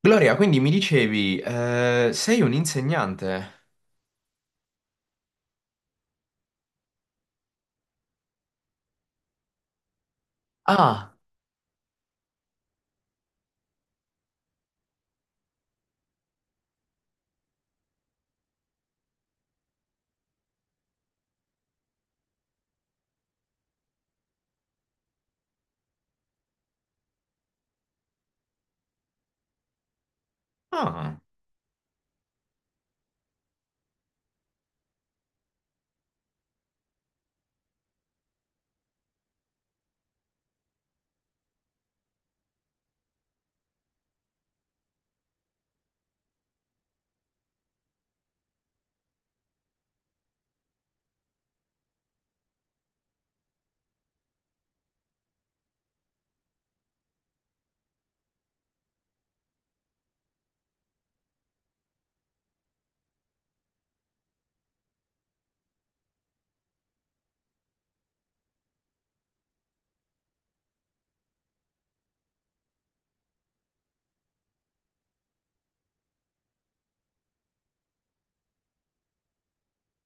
Gloria, quindi mi dicevi, sei un insegnante? Ah, ah.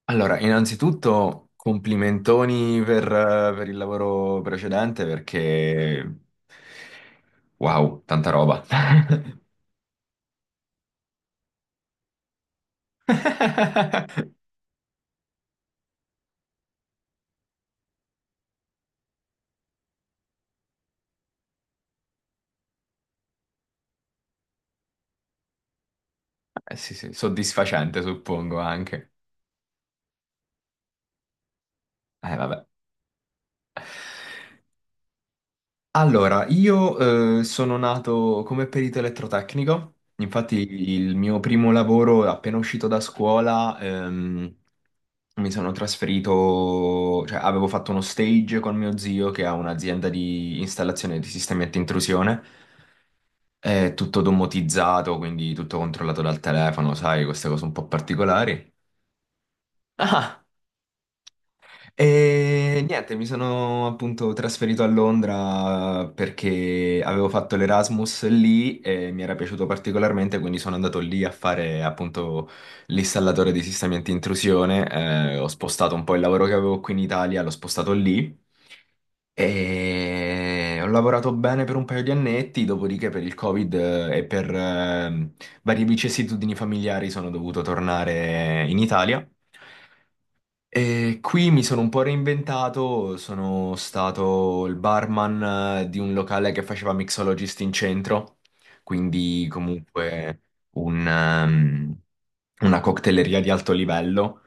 Allora, innanzitutto complimentoni per il lavoro precedente perché... Wow, tanta roba. Sì, sì, soddisfacente suppongo anche. Vabbè. Allora, io sono nato come perito elettrotecnico. Infatti il mio primo lavoro appena uscito da scuola, mi sono trasferito, cioè avevo fatto uno stage con mio zio che ha un'azienda di installazione di sistemi anti-intrusione, è tutto domotizzato, quindi tutto controllato dal telefono, sai, queste cose un po' particolari. Ah! E niente, mi sono appunto trasferito a Londra perché avevo fatto l'Erasmus lì e mi era piaciuto particolarmente, quindi sono andato lì a fare appunto l'installatore di sistemi anti-intrusione. Ho spostato un po' il lavoro che avevo qui in Italia, l'ho spostato lì. E ho lavorato bene per un paio di annetti, dopodiché per il Covid e per varie vicissitudini familiari sono dovuto tornare in Italia. E qui mi sono un po' reinventato, sono stato il barman di un locale che faceva mixologist in centro, quindi comunque un, una cocktaileria di alto livello,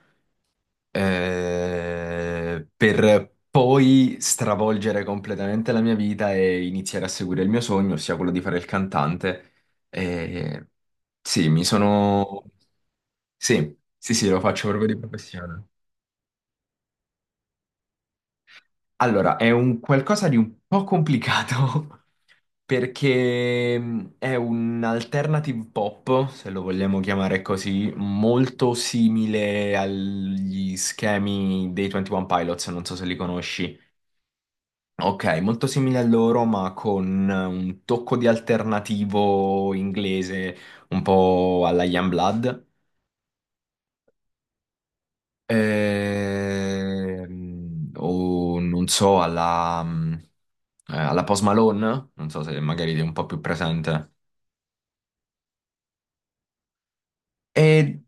per poi stravolgere completamente la mia vita e iniziare a seguire il mio sogno, ossia quello di fare il cantante. E sì, mi sono... Sì, sì, sì, lo faccio proprio di professione. Allora, è un qualcosa di un po' complicato perché è un alternative pop, se lo vogliamo chiamare così, molto simile agli schemi dei 21 Pilots, non so se li conosci. Ok, molto simile a loro, ma con un tocco di alternativo inglese, un po' alla Youngblood. O non so, alla, alla Post Malone, non so se magari ti è un po' più presente. E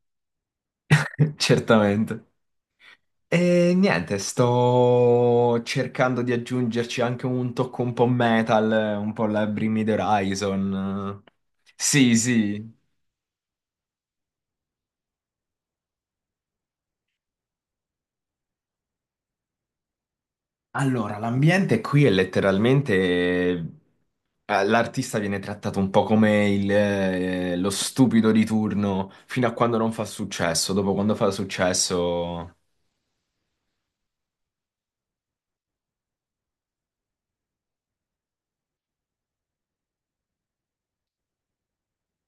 certamente. E niente, sto cercando di aggiungerci anche un tocco un po' metal, un po' la Bring Me the Horizon. Sì, sì. Allora, l'ambiente qui è letteralmente... l'artista viene trattato un po' come lo stupido di turno fino a quando non fa successo. Dopo quando fa successo...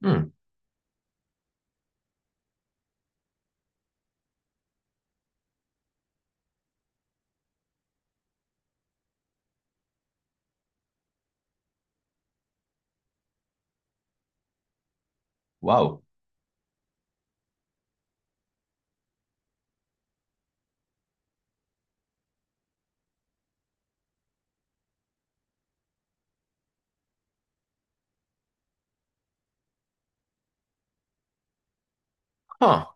Mm, wow. Ah,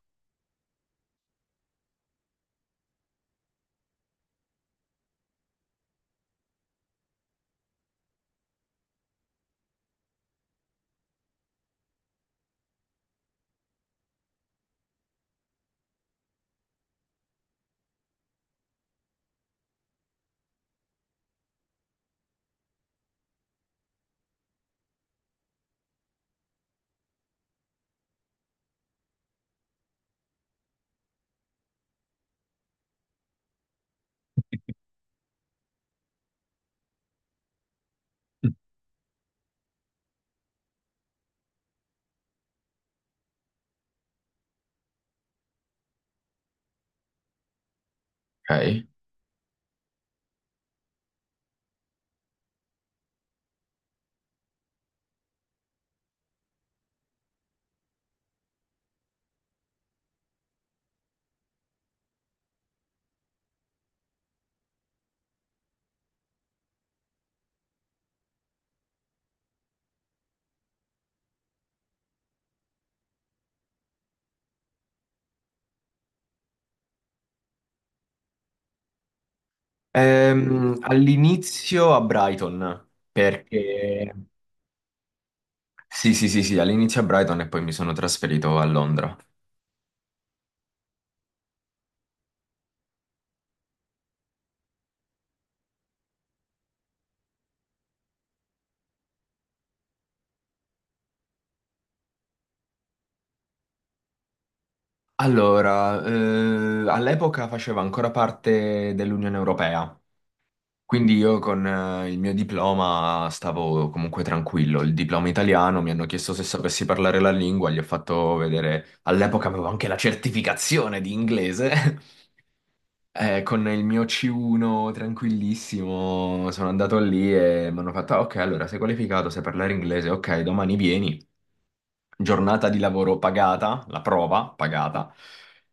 ok. All'inizio a Brighton, perché... Sì, sì, sì, sì, all'inizio a Brighton e poi mi sono trasferito a Londra. Allora, all'epoca faceva ancora parte dell'Unione Europea. Quindi io con il mio diploma stavo comunque tranquillo, il diploma italiano. Mi hanno chiesto se sapessi parlare la lingua, gli ho fatto vedere, all'epoca avevo anche la certificazione di inglese. Con il mio C1 tranquillissimo sono andato lì e mi hanno fatto: "Ah, ok, allora sei qualificato, sai parlare inglese, ok, domani vieni, giornata di lavoro pagata, la prova pagata.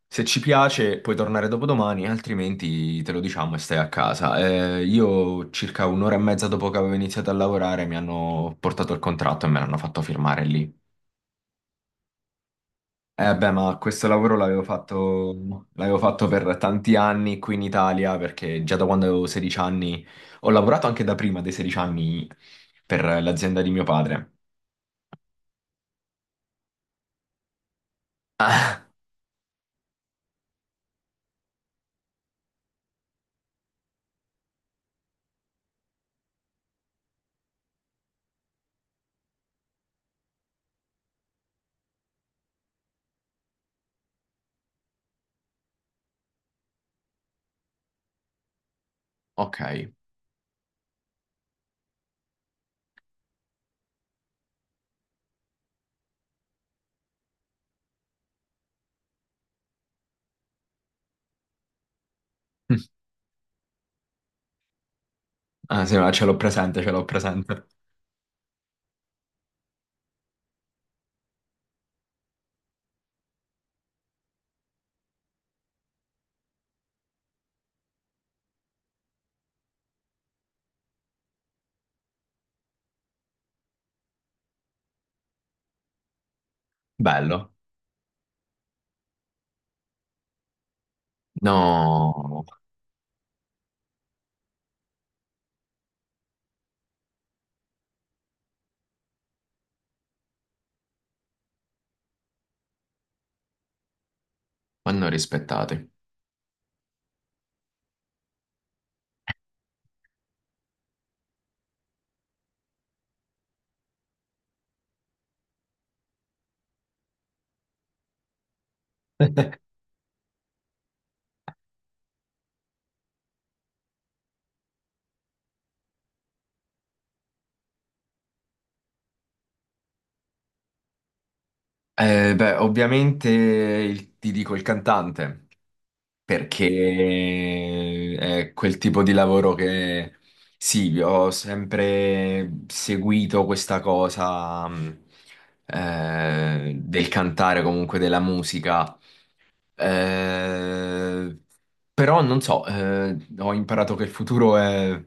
Se ci piace puoi tornare dopodomani, altrimenti te lo diciamo e stai a casa". Io circa un'ora e mezza dopo che avevo iniziato a lavorare mi hanno portato il contratto e me l'hanno fatto firmare lì. Eh beh, ma questo lavoro l'avevo fatto per tanti anni qui in Italia, perché già da quando avevo 16 anni, ho lavorato anche da prima dei 16 anni per l'azienda di mio padre. Ah, ok. Ah, sì, ma ce l'ho presente, ce l'ho presente. Bello. No, vanno rispettati. Beh, ovviamente il- ti dico il cantante, perché è quel tipo di lavoro che... Sì, ho sempre seguito questa cosa del cantare, comunque della musica. Eh, però non so, ho imparato che il futuro è-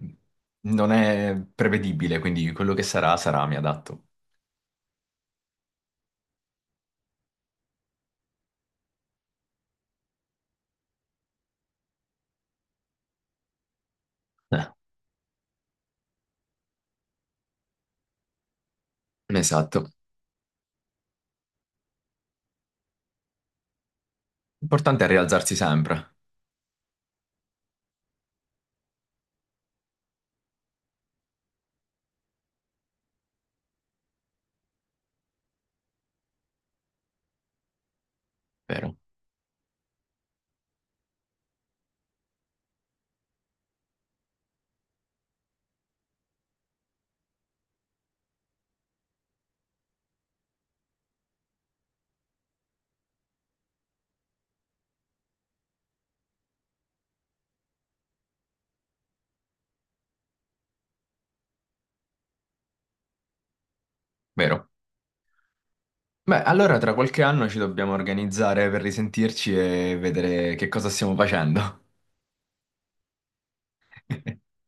non è prevedibile, quindi quello che sarà, sarà, mi adatto. Eh, esatto. L'importante è rialzarsi sempre, vero? Vero. Beh, allora tra qualche anno ci dobbiamo organizzare per risentirci e vedere che cosa stiamo facendo.